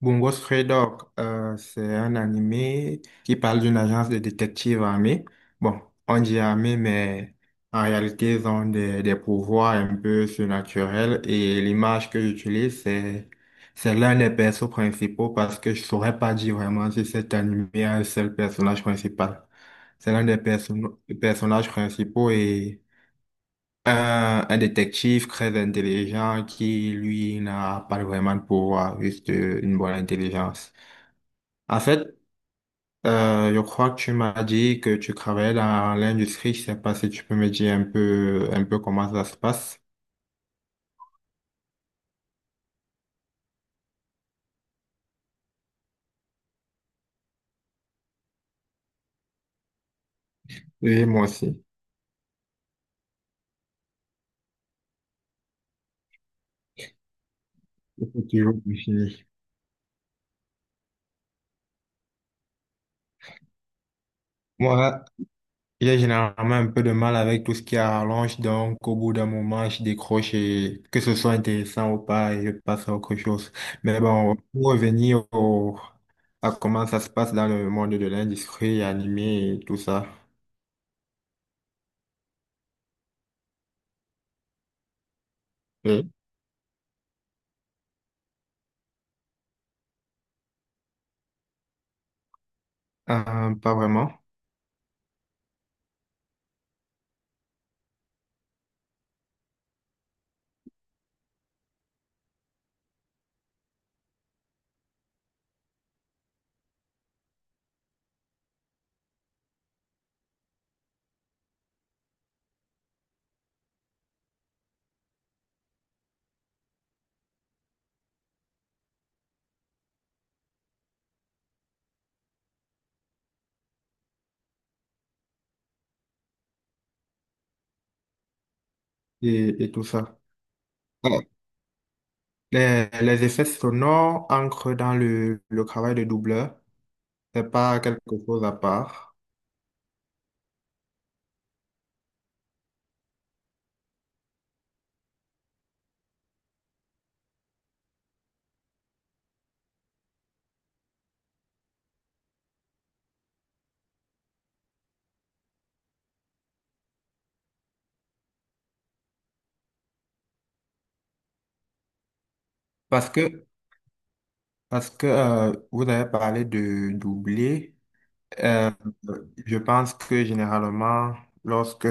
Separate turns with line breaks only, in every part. Bungo Stray Dog, c'est un animé qui parle d'une agence de détectives armés. Bon, on dit armés, mais en réalité, ils ont des pouvoirs un peu surnaturels. Et l'image que j'utilise, c'est l'un des persos principaux parce que je saurais pas dire vraiment si cet animé a un seul personnage principal. C'est l'un des personnages principaux et un détective très intelligent qui, lui, n'a pas vraiment de pouvoir, juste une bonne intelligence. En fait, je crois que tu m'as dit que tu travaillais dans l'industrie. Je sais pas si tu peux me dire un peu comment ça se passe. Et moi aussi. Je toujours plus fini. Moi, j'ai généralement un peu de mal avec tout ce qui est rallonge, donc au bout d'un moment, je décroche et que ce soit intéressant ou pas, et je passe à autre chose. Mais bon, pour revenir à comment ça se passe dans le monde de l'industrie animée et tout ça. Oui. Pas vraiment. Et tout ça. Ah, les effets sonores entrent dans le travail de doubleur. C'est pas quelque chose à part. Parce que, parce que vous avez parlé de doubler. Euh, je pense que généralement, lorsque,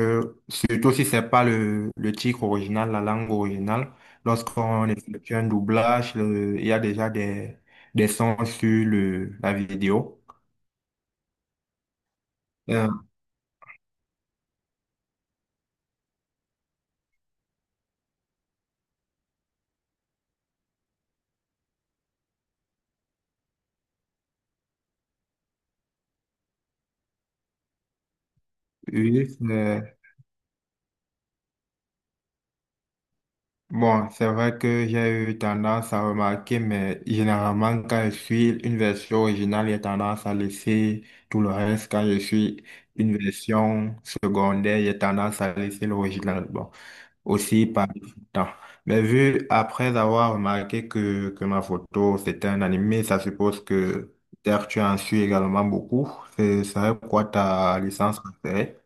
surtout si c'est pas le titre original, la langue originale, lorsqu'on effectue un doublage, il y a déjà des sons sur le, la vidéo. Euh, oui. Bon, c'est vrai que j'ai eu tendance à remarquer, mais généralement, quand je suis une version originale, j'ai tendance à laisser tout le reste. Quand je suis une version secondaire, j'ai tendance à laisser l'original. Bon, aussi par temps. Mais vu, après avoir remarqué que ma photo, c'était un animé, ça suppose que peut-être tu en suis également beaucoup. C'est quoi ta licence préférée?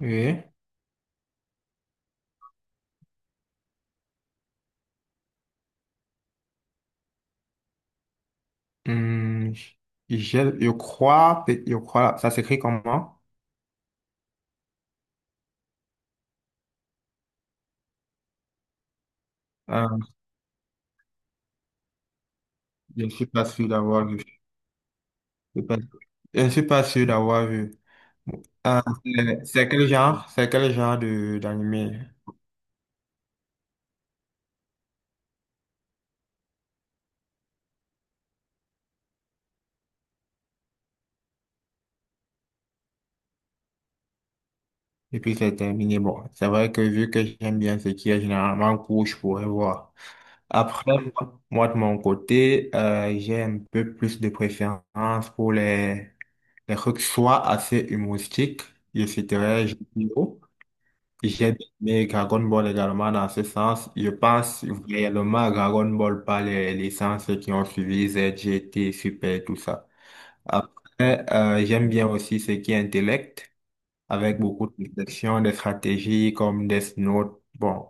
Oui. Hum, je, je crois, ça s'écrit comment? Euh, je ne suis pas sûr d'avoir vu. Je ne suis pas sûr d'avoir vu. C'est quel genre? C'est quel genre de d'animé? Et puis c'est terminé. Bon, c'est vrai que vu que j'aime bien ce qui est généralement court, je pourrais voir. Après, moi, de mon côté, j'ai un peu plus de préférence pour les trucs soit assez humoristiques, je citerai Jeux vidéo. J'ai aimé Dragon Ball également dans ce sens. Je pense réellement Dragon Ball par les licences qui ont suivi ZGT, Super, tout ça. Après, j'aime bien aussi ce qui est intellect, avec beaucoup de réflexion, des stratégies comme Death Note. Bon,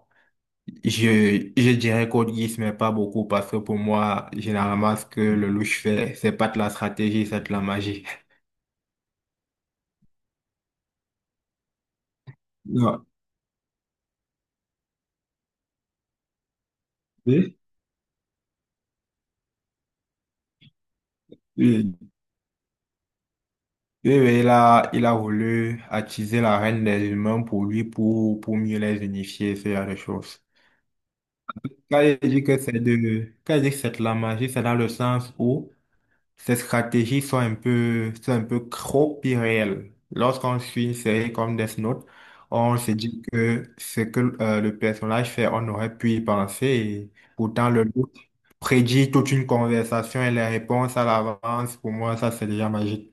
je dirais Code Geass, mais pas beaucoup parce que pour moi, généralement, ce que le louche fait, c'est pas de la stratégie, c'est de la magie. Non. Oui, oui. Oui, oui, il a voulu attiser la reine des humains pour lui, pour mieux les unifier, ce genre de choses. Quand il dit quand il dit que c'est de la magie, c'est dans le sens où ces stratégies sont un peu trop irréelles. Lorsqu'on suit une série comme Death Note, on se dit que ce que le personnage fait, on aurait pu y penser et pourtant le doute prédit toute une conversation et les réponses à l'avance. Pour moi, ça, c'est déjà magique.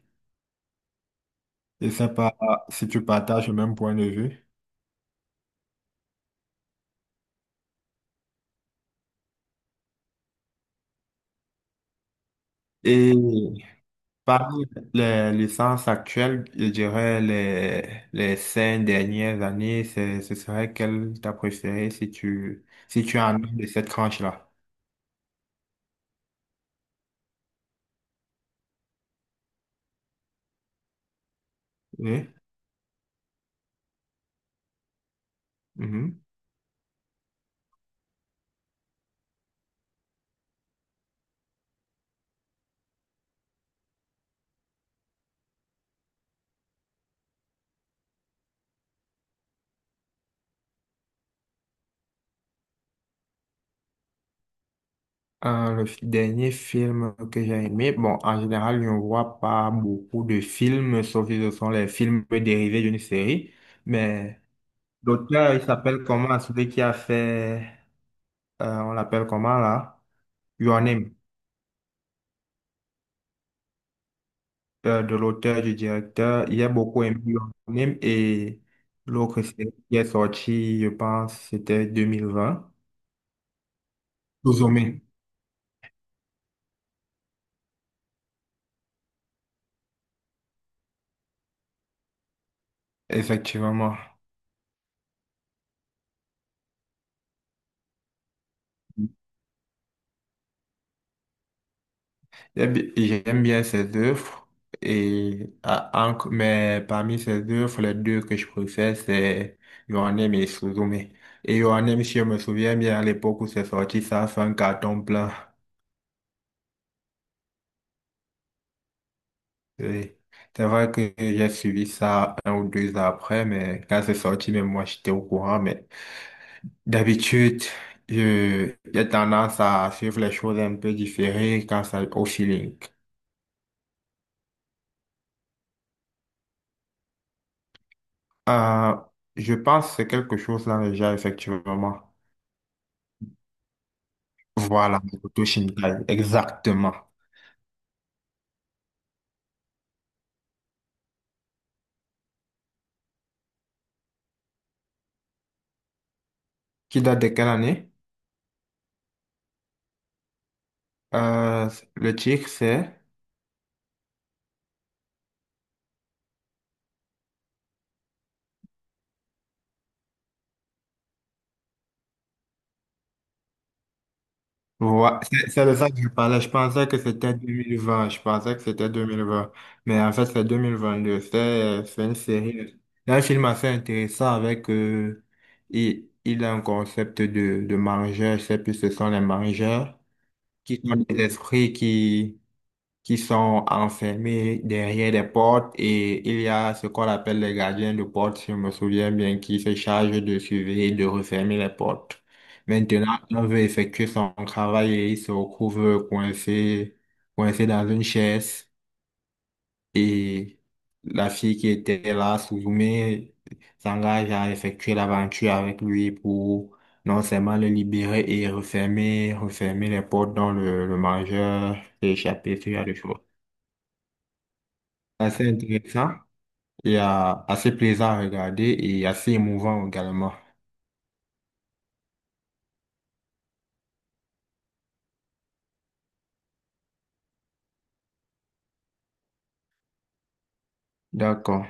C'est sympa si tu partages le même point de vue. Et parmi les licences actuelles, je dirais les cinq dernières années, ce serait quelle t'as préférée si tu en as de cette tranche-là? Oui. Mhm. Le dernier film que j'ai aimé, bon, en général, je ne vois pas beaucoup de films, sauf si ce sont les films dérivés d'une série. Mais l'auteur, il s'appelle comment? Celui qui a fait, on l'appelle comment là? Your Name, de l'auteur, du directeur. J'ai beaucoup aimé Your Name et l'autre série qui est sorti, je pense, c'était 2020. Suzume, effectivement. J'aime bien ses œuvres, et, ah, mais parmi ses œuvres, les deux que je préfère, c'est Your Name et Suzume. Et Your Name, si je me souviens bien, à l'époque où c'est sorti, ça a fait un carton plein. Oui. C'est vrai que j'ai suivi ça un ou deux ans après, mais quand c'est sorti, même moi, j'étais au courant. Mais d'habitude, j'ai tendance à suivre les choses un peu différées quand ça au feeling. Euh, je pense que c'est quelque chose là déjà, effectivement. Voilà, Makoto Shinkai, exactement. Qui date de quelle année? Euh, le titre, c'est? Ouais, c'est de ça que je parlais. Je pensais que c'était 2020. Je pensais que c'était 2020. Mais en fait, c'est 2022. C'est une série. C'est un film assez intéressant avec... il a un concept de mangeurs. Je sais plus ce sont les mangeurs qui sont des esprits qui sont enfermés derrière des portes et il y a ce qu'on appelle les gardiens de porte, si je me souviens bien, qui se chargent de surveiller et de refermer les portes. Maintenant, on veut effectuer son travail et il se retrouve coincé, coincé dans une chaise et la fille qui était là, Suzume, s'engage à effectuer l'aventure avec lui pour non seulement le libérer et refermer, refermer les portes dont le mangeur s'est échappé, ce genre de choses assez intéressant et assez plaisant à regarder et assez émouvant également. D'accord.